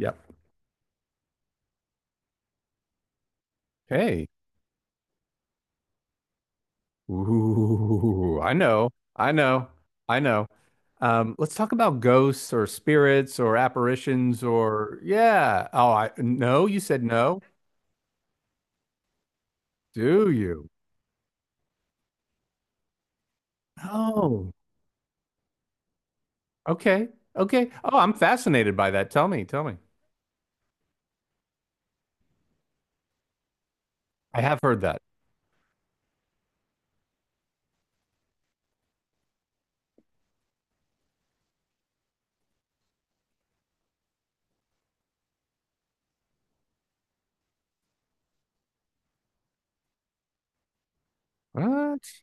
Yep. Hey. Ooh, I know. I know. I know. Let's talk about ghosts or spirits or apparitions or yeah. Oh, I no, you said no. Do you? Oh, okay. Okay. Oh, I'm fascinated by that. Tell me, tell me. I have heard that. What?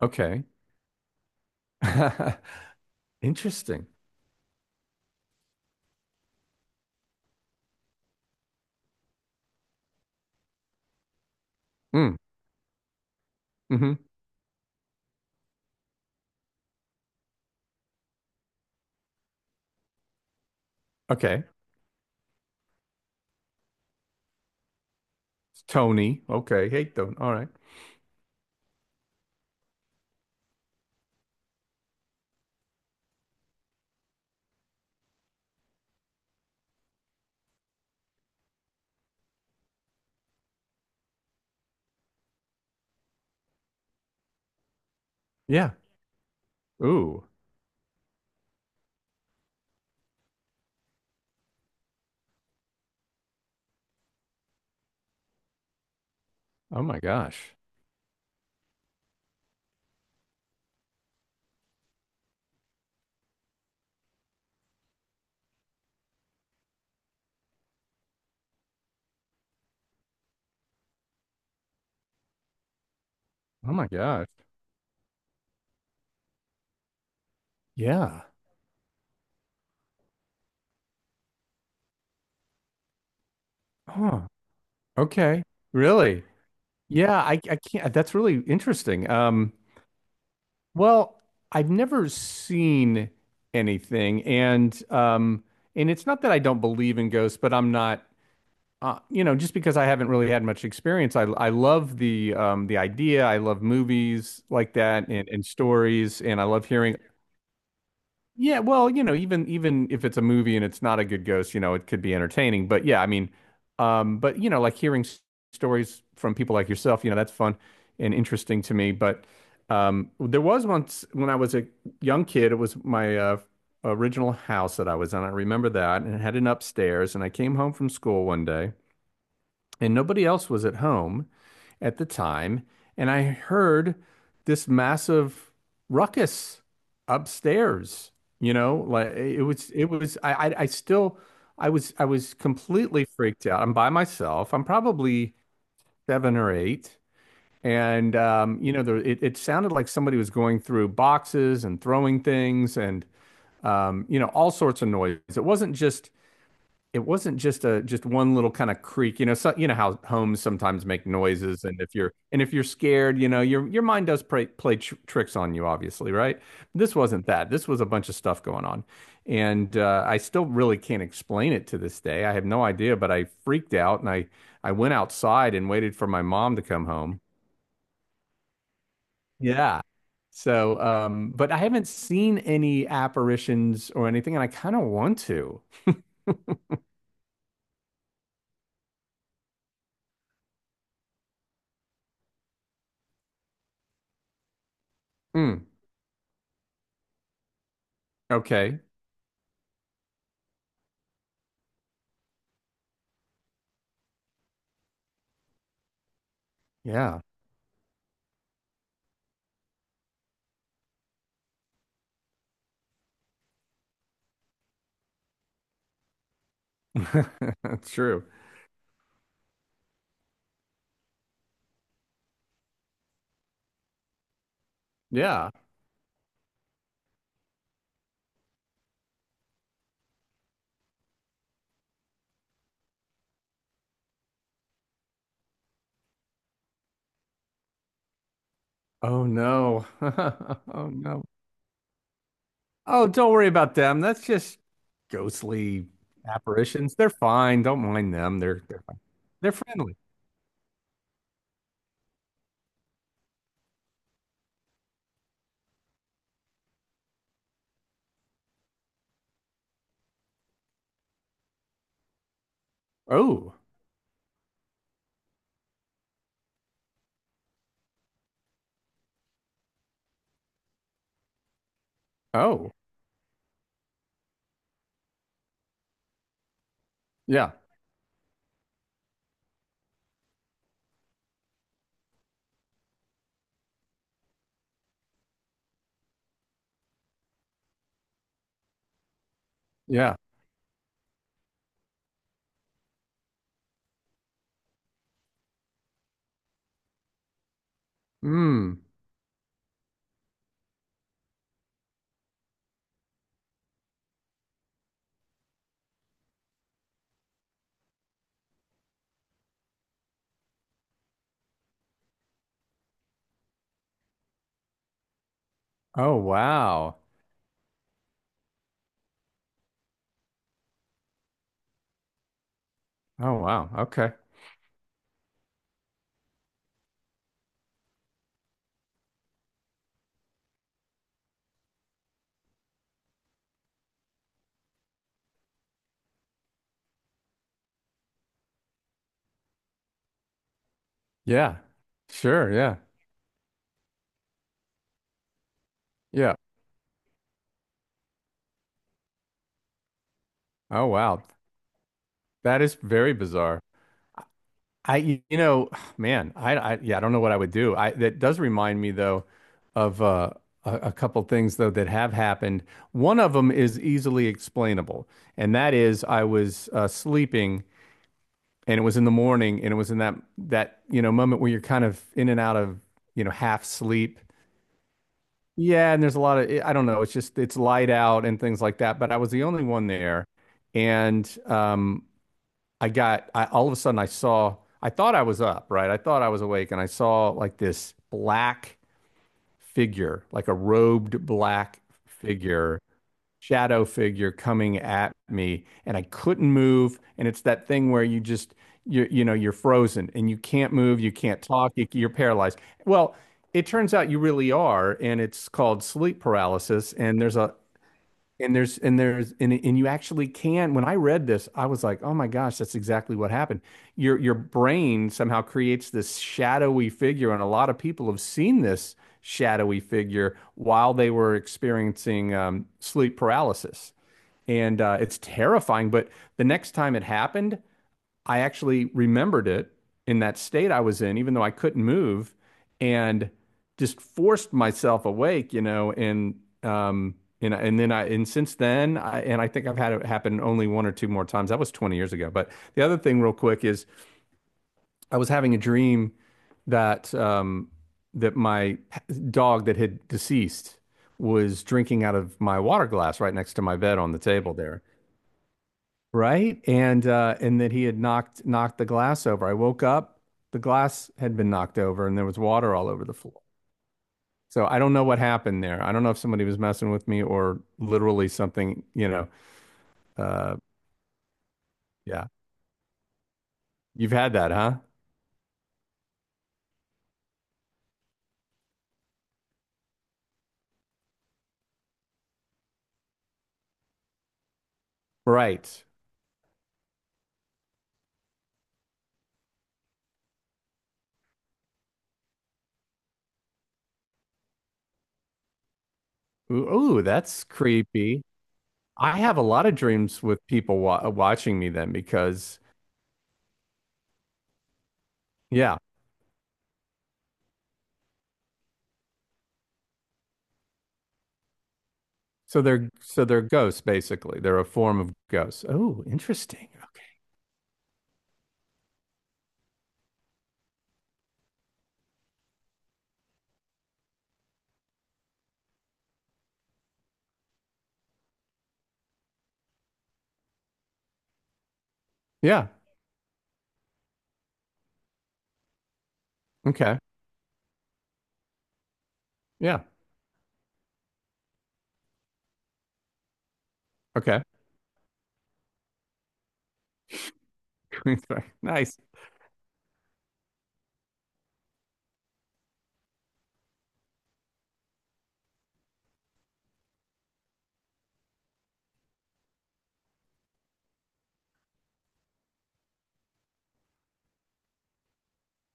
Okay. Interesting. Mm, hmm. Mm-hmm. Okay. Tony. Okay. Hey, Tony. All right. Yeah. Ooh. Oh my gosh. Oh my gosh. Yeah. Huh. Okay. Really? Yeah, I can't. That's really interesting. Well, I've never seen anything, and it's not that I don't believe in ghosts, but I'm not. You know, just because I haven't really had much experience, I love the idea. I love movies like that and stories, and I love hearing. Yeah, well, you know, even if it's a movie and it's not a good ghost, you know, it could be entertaining. But yeah, I mean, but you know, like hearing stories from people like yourself, you know, that's fun and interesting to me. But there was once when I was a young kid, it was my original house that I was in. I remember that, and it had an upstairs. And I came home from school one day, and nobody else was at home at the time, and I heard this massive ruckus upstairs. You know, like it was, I still, I was completely freaked out. I'm by myself. I'm probably seven or eight. And, you know, it sounded like somebody was going through boxes and throwing things, and you know, all sorts of noise. It wasn't just a just one little kind of creak, so, you know how homes sometimes make noises, and if you're scared, your mind does play, play tr tricks on you, obviously, right? This wasn't that. This was a bunch of stuff going on, and I still really can't explain it to this day. I have no idea, but I freaked out, and I went outside and waited for my mom to come home. Yeah. So, but I haven't seen any apparitions or anything, and I kind of want to. Mm, okay. Yeah. That's true. Yeah. Oh no. Oh no. Oh, don't worry about them. That's just ghostly apparitions. They're fine. Don't mind them. They're fine. They're friendly. Oh. Oh. Yeah. Yeah. Mm. Oh wow. Oh wow. Okay. Yeah. Sure. Yeah. Yeah. Oh wow. That is very bizarre. You know, man, yeah, I don't know what I would do. That does remind me, though, of a couple things, though, that have happened. One of them is easily explainable, and that is I was sleeping, and it was in the morning, and it was in that, moment where you're kind of in and out of, half sleep. Yeah. And there's a lot of, I don't know, it's light out and things like that. But I was the only one there. And, I got, I all of a sudden I thought I was up, right? I thought I was awake, and I saw like this black figure, like a robed black figure, shadow figure coming at me, and I couldn't move. And it's that thing where you, you're frozen, and you can't move, you can't talk, you're paralyzed. Well, it turns out you really are, and it's called sleep paralysis. And there's and you actually can. When I read this, I was like, oh my gosh, that's exactly what happened. Your brain somehow creates this shadowy figure, and a lot of people have seen this shadowy figure while they were experiencing sleep paralysis. And it's terrifying, but the next time it happened, I actually remembered it in that state I was in, even though I couldn't move, and just forced myself awake, and um then I and since then I think I've had it happen only one or two more times. That was 20 years ago. But the other thing real quick is I was having a dream that my dog that had deceased was drinking out of my water glass right next to my bed on the table there. Right? And that he had knocked the glass over. I woke up, the glass had been knocked over, and there was water all over the floor. So I don't know what happened there. I don't know if somebody was messing with me or literally something, you know. Uh yeah. You've had that, huh? Right. Ooh, ooh, that's creepy. I have a lot of dreams with people wa watching me then, because yeah. So they're ghosts, basically. They're a form of ghosts. Oh, interesting. Okay. Yeah. Okay. Yeah. Okay. Nice.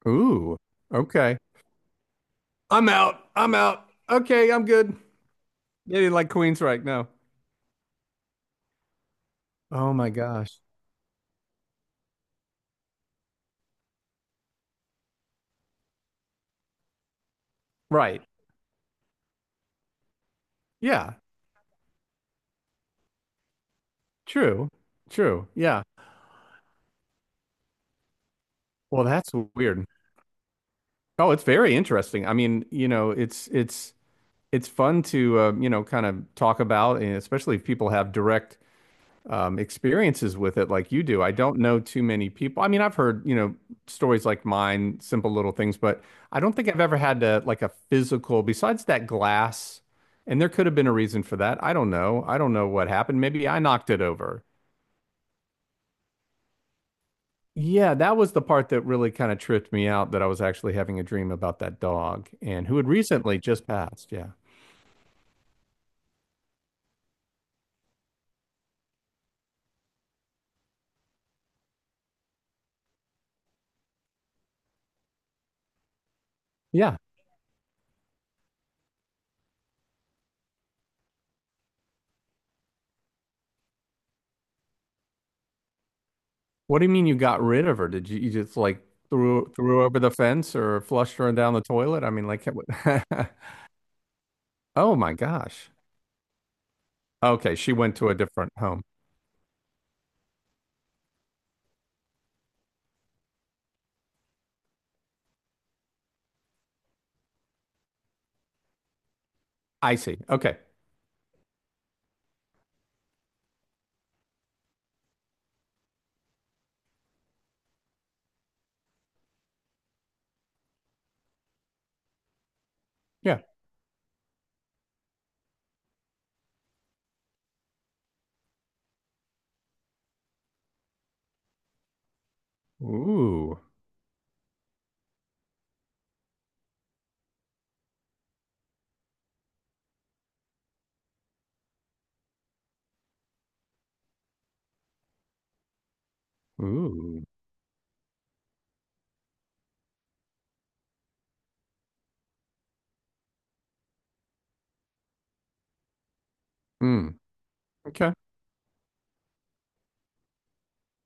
Ooh. Okay. I'm out. I'm out. Okay, I'm good. They didn't like Queensryche, no. Oh my gosh. Right. Yeah. True. True. Yeah. Well, that's weird. Oh, it's very interesting. I mean, you know, it's fun to kind of talk about, and especially if people have direct experiences with it like you do. I don't know too many people. I mean, I've heard, stories like mine, simple little things, but I don't think I've ever had to, like, a physical, besides that glass, and there could have been a reason for that. I don't know. I don't know what happened. Maybe I knocked it over. Yeah, that was the part that really kind of tripped me out, that I was actually having a dream about that dog and who had recently just passed. Yeah. Yeah. What do you mean you got rid of her? You just, like, threw her over the fence or flushed her down the toilet? I mean, like, what? Oh my gosh. Okay, she went to a different home. I see. Okay. Yeah. Ooh. Ooh. Mm. Okay.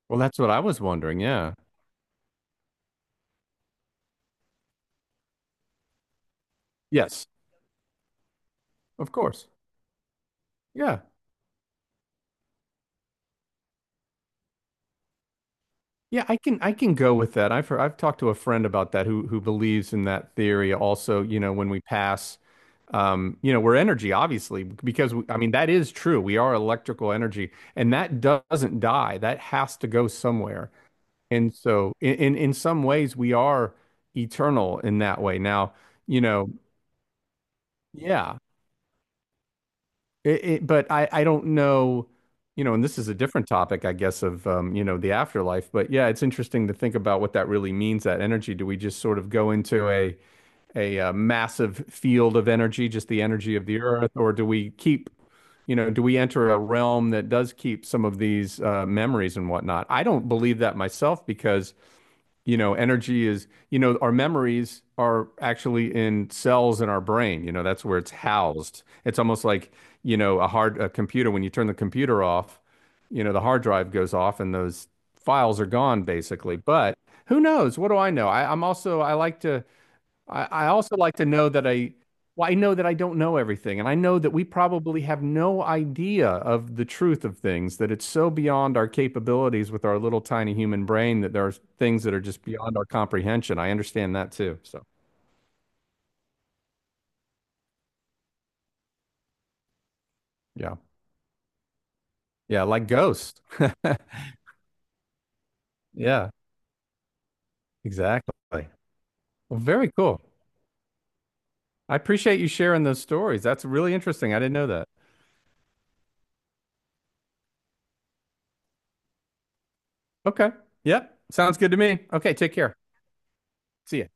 Well, that's what I was wondering. Yeah. Yes, of course. Yeah. Yeah, I can go with that. I've talked to a friend about that who believes in that theory. Also, you know, when we pass, we're energy, obviously, because I mean, that is true. We are electrical energy, and that doesn't die. That has to go somewhere. And so, in some ways, we are eternal in that way. Now, you know, yeah. But I don't know, and this is a different topic, I guess, of the afterlife. But yeah, it's interesting to think about what that really means, that energy. Do we just sort of go into a massive field of energy, just the energy of the earth, or do we keep? Do we enter a realm that does keep some of these memories and whatnot? I don't believe that myself, because you know, energy is, you know, our memories are actually in cells in our brain. You know, that's where it's housed. It's almost like, a computer. When you turn the computer off, the hard drive goes off, and those files are gone, basically. But who knows? What do I know? I also like to know that I, well, I know that I don't know everything, and I know that we probably have no idea of the truth of things, that it's so beyond our capabilities, with our little tiny human brain, that there are things that are just beyond our comprehension. I understand that too. So, yeah. Yeah, like ghosts. Yeah, exactly. Well, very cool. I appreciate you sharing those stories. That's really interesting. I didn't know that. Okay. Yep. Sounds good to me. Okay, take care. See ya.